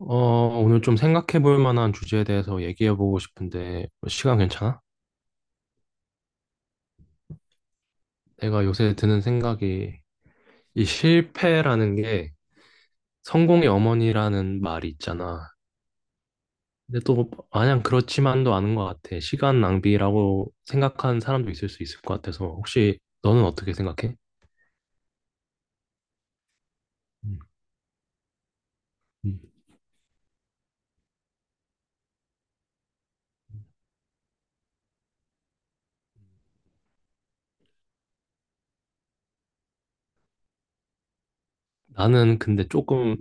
어, 오늘 좀 생각해 볼 만한 주제에 대해서 얘기해 보고 싶은데, 뭐 시간 괜찮아? 내가 요새 드는 생각이, 이 실패라는 게 성공의 어머니라는 말이 있잖아. 근데 또 마냥 그렇지만도 않은 것 같아. 시간 낭비라고 생각하는 사람도 있을 수 있을 것 같아서, 혹시 너는 어떻게 생각해? 음, 음. 나는 근데 조금,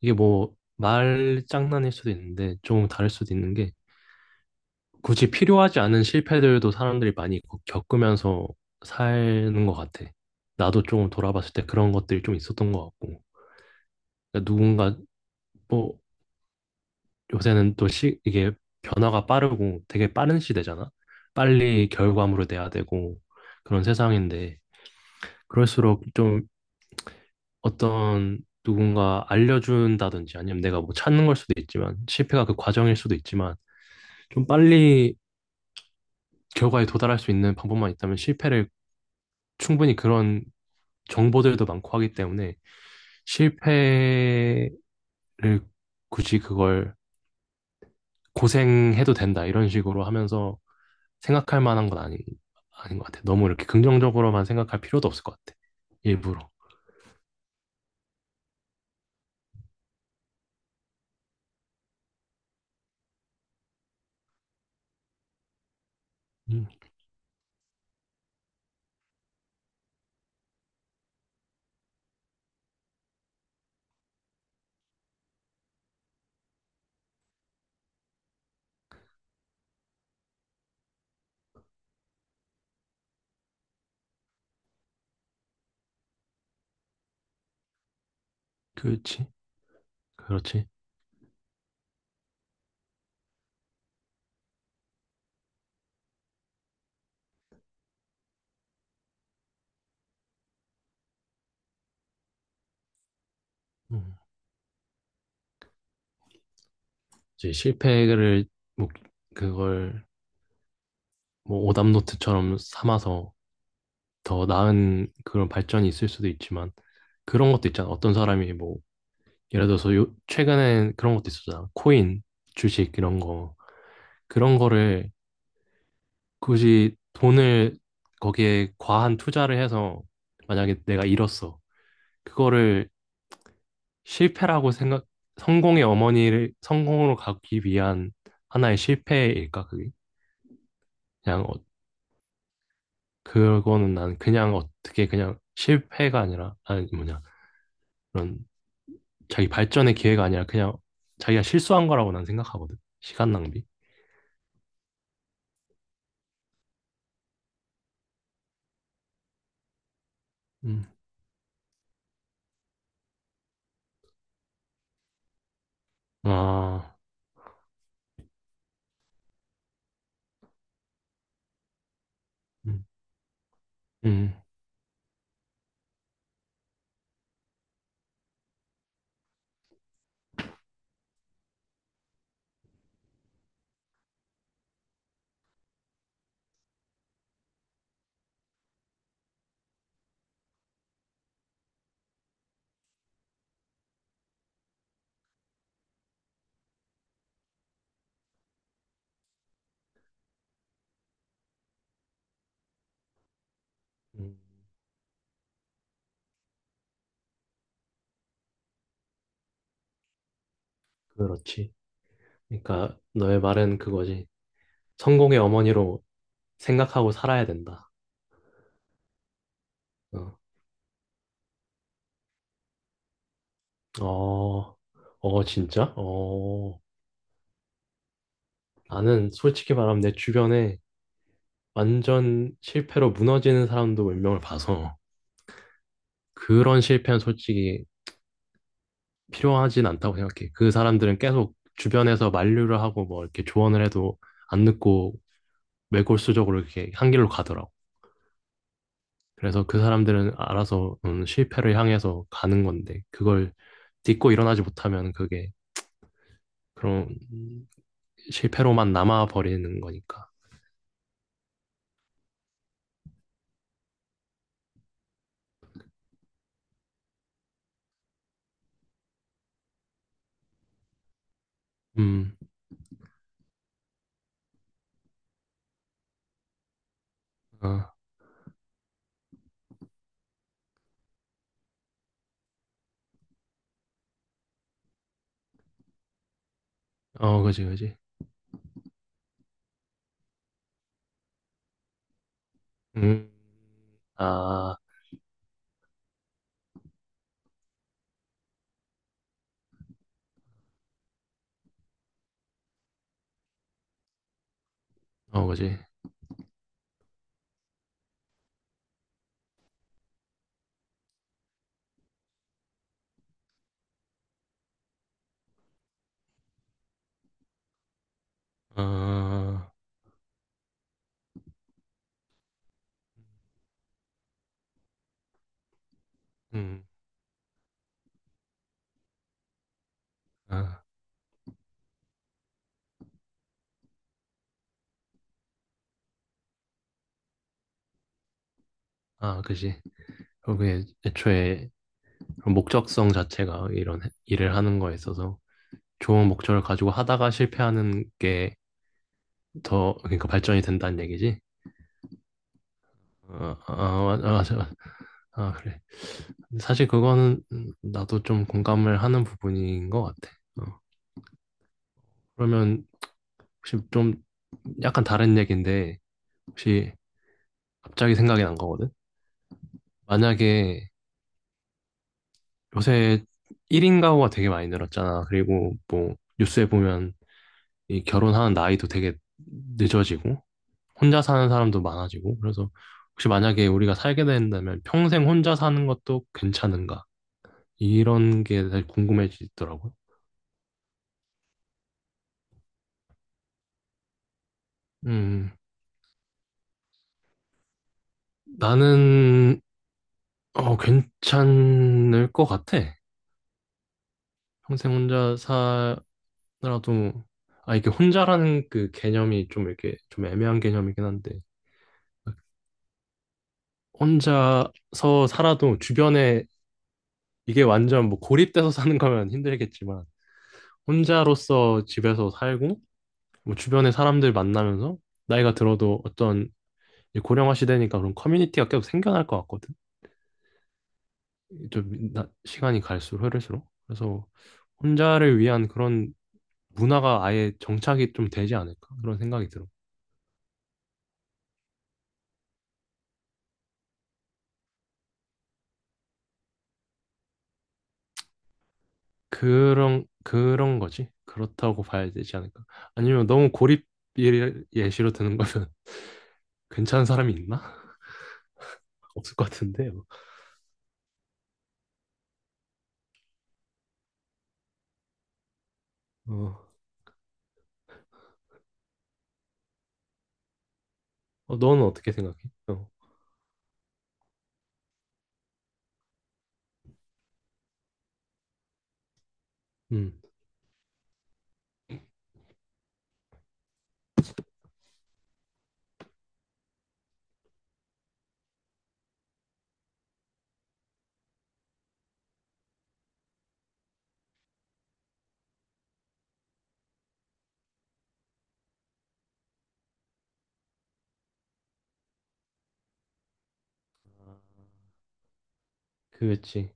이게 뭐, 말 장난일 수도 있는데, 조금 다를 수도 있는 게, 굳이 필요하지 않은 실패들도 사람들이 많이 겪으면서 사는 것 같아. 나도 조금 돌아봤을 때 그런 것들이 좀 있었던 것 같고. 그러니까 누군가, 뭐, 요새는 또 이게 변화가 빠르고 되게 빠른 시대잖아? 빨리 결과물을 내야 되고 그런 세상인데, 그럴수록 좀 어떤 누군가 알려준다든지 아니면 내가 뭐 찾는 걸 수도 있지만, 실패가 그 과정일 수도 있지만, 좀 빨리 결과에 도달할 수 있는 방법만 있다면 실패를 충분히 그런 정보들도 많고 하기 때문에 실패를 굳이 그걸 고생해도 된다 이런 식으로 하면서 생각할 만한 건 아니, 아닌 것 같아. 너무 이렇게 긍정적으로만 생각할 필요도 없을 것 같아. 일부러. 음, 그렇지. 그렇지. 음. 이제 실패를 뭐 그걸 뭐 오답노트처럼 삼아서 더 나은 그런 발전이 있을 수도 있지만 그런 것도 있잖아. 어떤 사람이 뭐 예를 들어서 요, 최근에 그런 것도 있었잖아. 코인, 주식 이런 거 그런 거를 굳이 돈을 거기에 과한 투자를 해서 만약에 내가 잃었어. 그거를 실패라고 생각, 성공의 어머니를 성공으로 가기 위한 하나의 실패일까, 그게? 그냥, 어, 그거는 난 그냥 어떻게 그냥 실패가 아니라, 아니, 뭐냐, 그런 자기 발전의 기회가 아니라 그냥 자기가 실수한 거라고 난 생각하거든. 시간 낭비. 음. 아, 음, 음, 음, 그렇지. 그러니까 너의 말은 그거지. 성공의 어머니로 생각하고 살아야 된다. 어, 어, 어, 진짜? 어, 나는 솔직히 말하면 내 주변에 완전 실패로 무너지는 사람도 몇 명을 봐서 그런 실패는 솔직히 필요하진 않다고 생각해. 그 사람들은 계속 주변에서 만류를 하고 뭐 이렇게 조언을 해도 안 듣고 매골수적으로 이렇게 한 길로 가더라고. 그래서 그 사람들은 알아서 실패를 향해서 가는 건데 그걸 딛고 일어나지 못하면 그게 그런 실패로만 남아 버리는 거니까. 음, 어, 어, 그지, 그지. 음, 아, 어, 그지. 어, 음, 아, 아, 그지. 그게 애초에 목적성 자체가 이런 일을 하는 거에 있어서 좋은 목적을 가지고 하다가 실패하는 게 더, 그러니까 발전이 된다는 얘기지. 어, 아, 아, 맞아. 맞아. 아, 그래. 사실 그거는 나도 좀 공감을 하는 부분인 것 같아. 어, 그러면 혹시 좀 약간 다른 얘기인데 혹시 갑자기 생각이 난 거거든? 만약에 요새 1인 가구가 되게 많이 늘었잖아. 그리고 뭐 뉴스에 보면 이 결혼하는 나이도 되게 늦어지고 혼자 사는 사람도 많아지고 그래서 혹시 만약에 우리가 살게 된다면 평생 혼자 사는 것도 괜찮은가? 이런 게 사실 궁금해지더라고요. 음, 나는 어, 괜찮을 것 같아. 평생 혼자 나도 아 이게 혼자라는 그 개념이 좀 이렇게 좀 애매한 개념이긴 한데 혼자서 살아도 주변에 이게 완전 뭐 고립돼서 사는 거면 힘들겠지만 혼자로서 집에서 살고 뭐 주변에 사람들 만나면서 나이가 들어도 어떤 이제 고령화 시대니까 그런 커뮤니티가 계속 생겨날 것 같거든. 좀 시간이 갈수록 흐를수록 그래서 혼자를 위한 그런 문화가 아예 정착이 좀 되지 않을까 그런 생각이 들어. 그런 거지. 그렇다고 봐야 되지 않을까? 아니면 너무 고립 예시로 드는 거면 괜찮은 사람이 있나? 없을 것 같은데. 뭐. 어, 어, 너는 어떻게 생각해? 어, 음, 그렇지.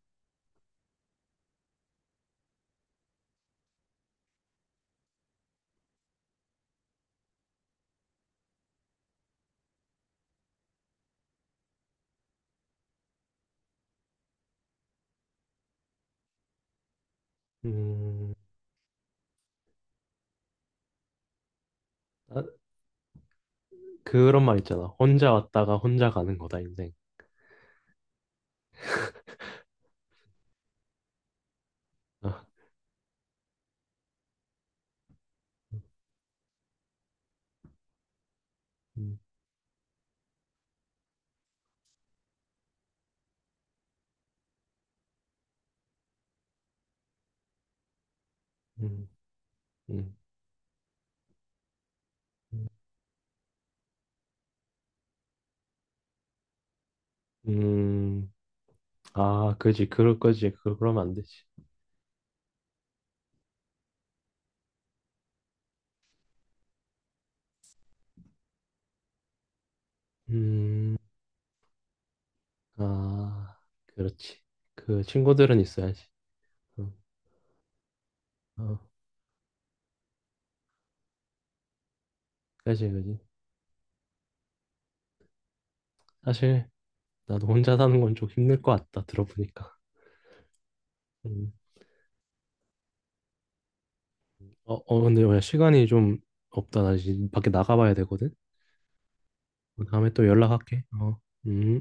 음, 아, 그런 말 있잖아. 혼자 왔다가 혼자 가는 거다 인생. 아, 음, 음, 음, 음, 음. 아, 그지. 그럴 거지. 그러면 안 되지. 음, 아, 그렇지. 그 친구들은 있어야지. 어, 어, 그지, 그지. 사실 나도 혼자 사는 건 좀 힘들 것 같다 들어보니까. 음. 어, 어 근데 야, 시간이 좀 없다. 나 이제 밖에 나가봐야 되거든. 다음에 또 연락할게. 어. 음.